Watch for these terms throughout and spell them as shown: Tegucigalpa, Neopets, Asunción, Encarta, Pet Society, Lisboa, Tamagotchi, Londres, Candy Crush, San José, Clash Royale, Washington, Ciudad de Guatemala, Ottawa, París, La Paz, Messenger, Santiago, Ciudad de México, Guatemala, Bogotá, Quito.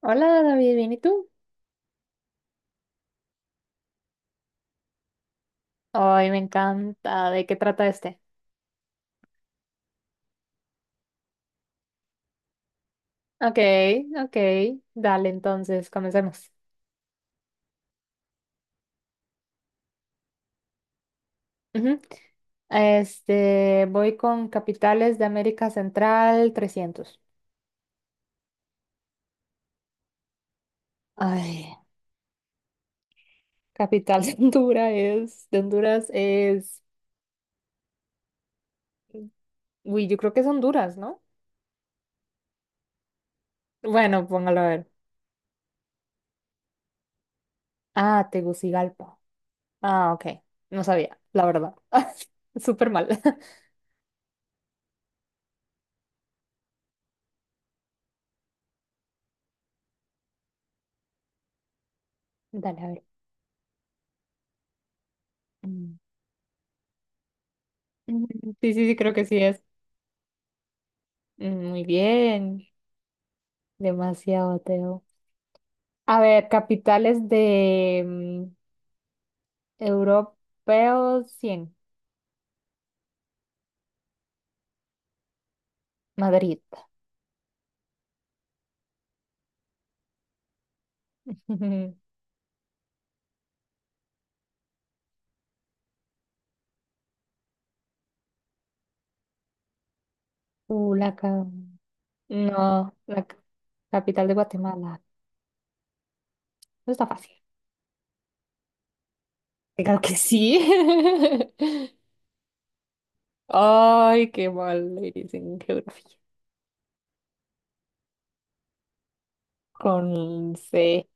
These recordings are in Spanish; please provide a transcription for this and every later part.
Hola David, ¿bien y tú? Ay, me encanta. ¿De qué trata este? Ok, ok. Dale, entonces, comencemos. Ujú. Voy con capitales de América Central 300. Ay, capital de Honduras es, uy, yo creo que es Honduras, ¿no? Bueno, póngalo a ver. Ah, Tegucigalpa. Ah, ok. No sabía, la verdad. Súper mal. Dale, a ver. Mm. Mm, sí, sí, sí, creo que sí es. Muy bien, demasiado, Teo. A ver, capitales de europeos 100. Madrid. Uh, la ca- No, capital de Guatemala. No está fácil. Claro que sí. Ay, qué mal le dicen geografía. Con C,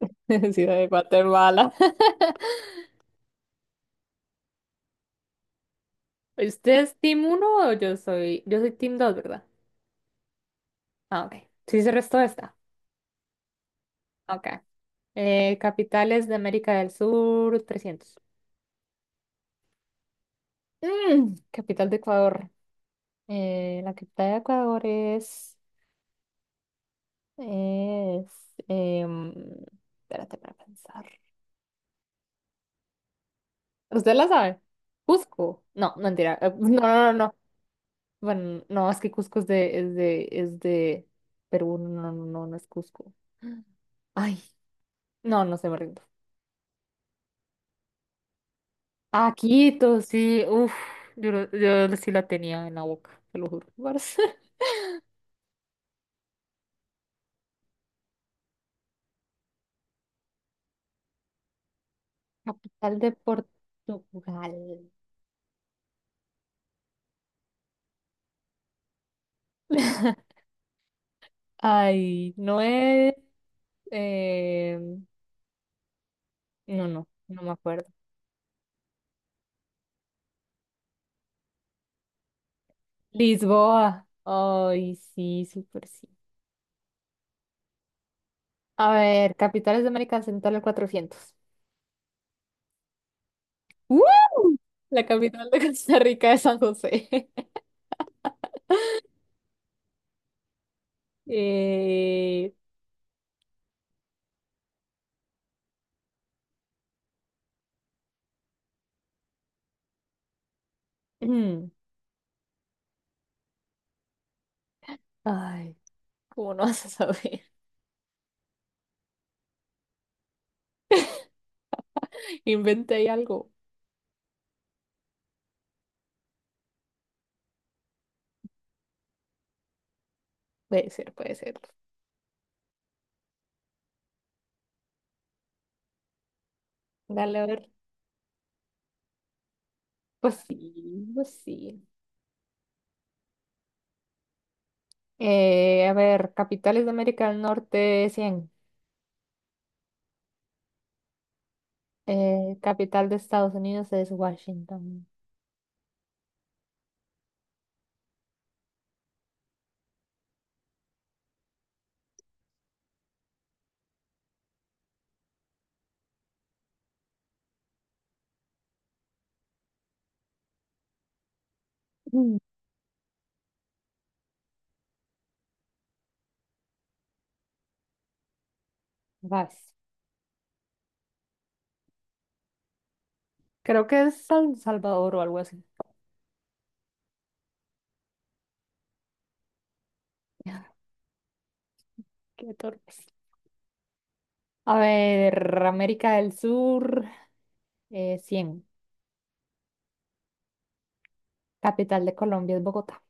Ciudad de Guatemala. ¿Usted es Team uno o yo soy? Yo soy Team dos, ¿verdad? Ah, ok. Sí, se restó esta. Ok. Capitales de América del Sur, 300. Capital de Ecuador. La capital de Ecuador es em, espérate para pensar. ¿Usted la sabe? Cusco. No, mentira. No, no, no, no. Bueno, no, es que Cusco es de Perú. No, no, no, no es Cusco. Ay, no, no se me rindo. Ah, Quito, sí. Uf, yo sí la tenía en la boca, te lo juro. Capital de Portugal. Ay, no es. eh, no, no, no me acuerdo. Lisboa. Ay, sí, súper sí. A ver, capitales de América Central el 400. ¡Uh! La capital de Costa Rica es San José. Eh, mm, ay, ¿cómo no vas a saber? Inventé ahí algo. Puede ser, puede ser. Dale, a ver. Pues sí, pues sí. A ver, capitales de América del Norte, 100. Capital de Estados Unidos es Washington. Mm, Vas. Creo que es San Salvador o algo así. Qué torpes. A ver, América del Sur, 100. Capital de Colombia es Bogotá.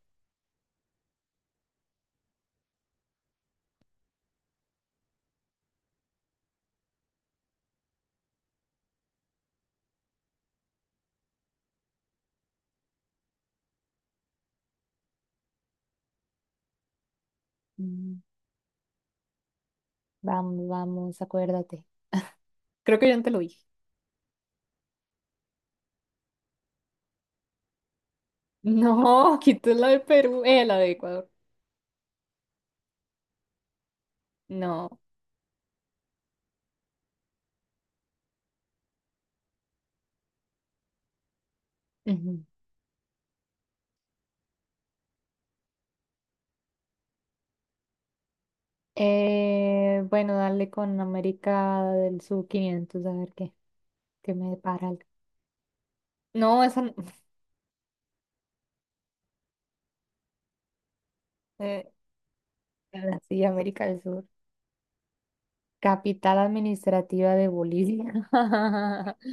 Mm, Vamos, vamos, acuérdate. Creo que yo antes lo dije. No, quito la de Perú, la de Ecuador. No. Ujú. Bueno, dale con América del Sur 500, a ver qué. Que me depara el... No, esa eh, ahora sí, América del Sur. Capital administrativa de Bolivia.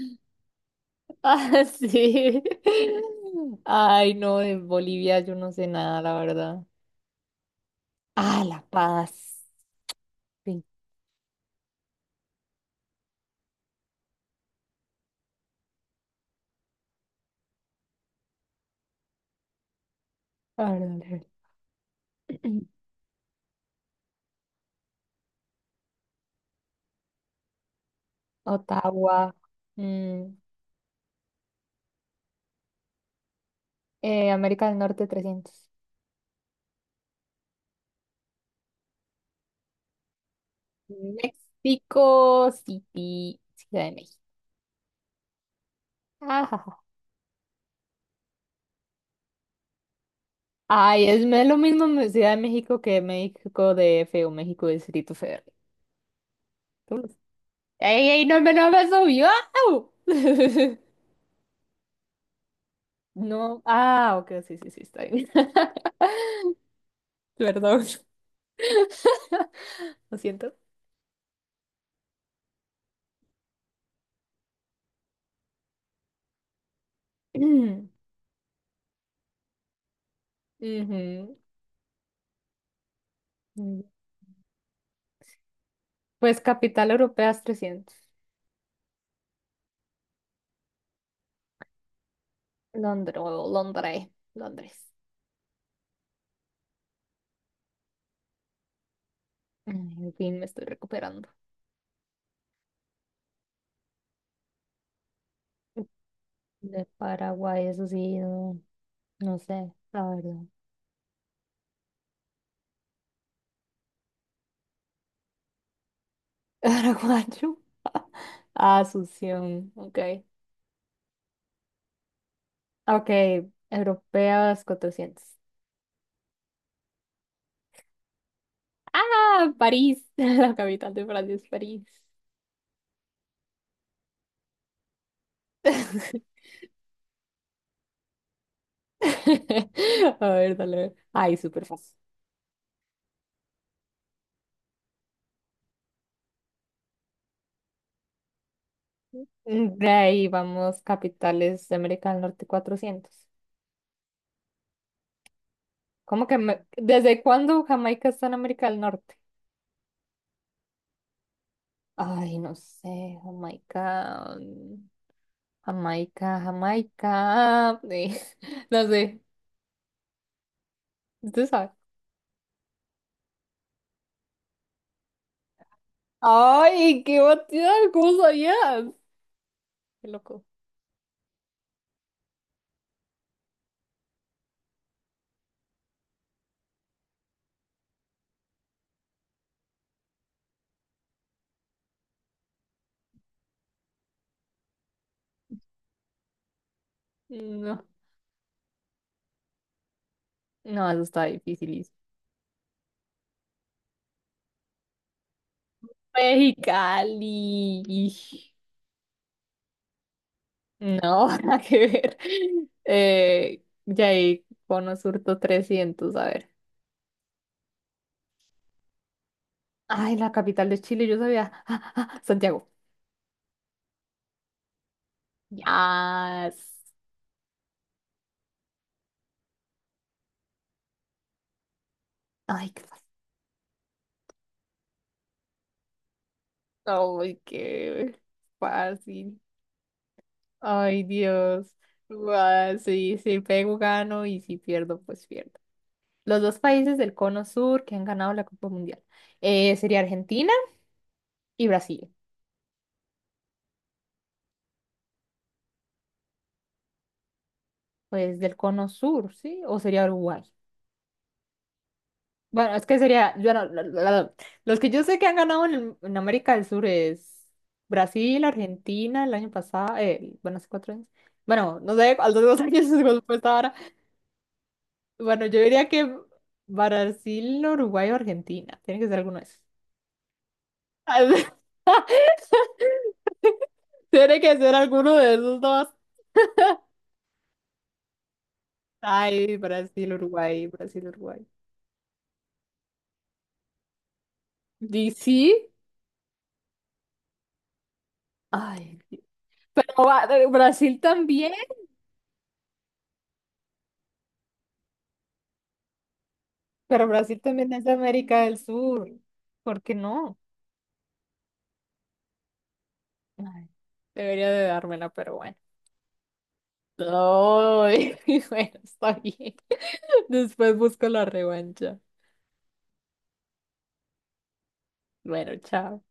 Ah, sí. Ay, no, de Bolivia yo no sé nada, la verdad. Ah, La Paz. Sí. A ver, dale, dale. Ottawa. Mm, América del Norte 300. México City, Ciudad de México. Ay, lo mismo en Ciudad de México que México D F o México Distrito Federal. ¡Ey, ey, no me subió! No, ah, ok, sí, sí, sí, está bien. Perdón, lo siento. Ujú. Mm, Pues capital europea es trescientos. Londres, Londres, Londres. Ay, en fin, me estoy recuperando. De Paraguay, eso sí, no, no sé, la verdad. Paraguayo. Asunción, ok. Ah, ok, europeas 400. Ah, París, la capital de Francia es París. A ver, dale. Ay, súper fácil. De ahí vamos, capitales de América del Norte 400. ¿Cómo que desde cuándo Jamaica está en América del Norte? Ay, no sé, Jamaica, Jamaica, Jamaica. No sé, usted sabe. Ay, qué batida, ¿cómo sabías? Qué loco. No. No, eso está dificilísimo. Mexicali. No, nada que ver. Ya ahí, Cono Surto 300, a ver. Ay, la capital de Chile, yo sabía. Ah, Santiago. Yas. Ay, qué fácil. Ay, qué fácil. Ay, Dios. Guau, sí, si pego, gano y si pierdo, pues pierdo. Los dos países del Cono Sur que han ganado la Copa Mundial sería Argentina y Brasil. Pues del cono sur, ¿sí? ¿O sería Uruguay? Bueno, es que sería, yo no- la- la- la- los que yo sé que han ganado en América del Sur es Brasil, Argentina, el año pasado, bueno, hace 4 años. Bueno, no sé, a los dos años se golpeó esta ahora. Bueno, yo diría que Brasil, Uruguay o Argentina. Tiene que ser alguno de esos. Tiene que ser alguno de esos dos. Ay, Brasil, Uruguay, Brasil, Uruguay. ¿Y sí? Ay, pero Brasil también. Pero Brasil también es de América del Sur. ¿Por qué no? Ay, debería de dármela, pero bueno. Ay, bueno, está bien. Después busco la revancha. Bueno, chao.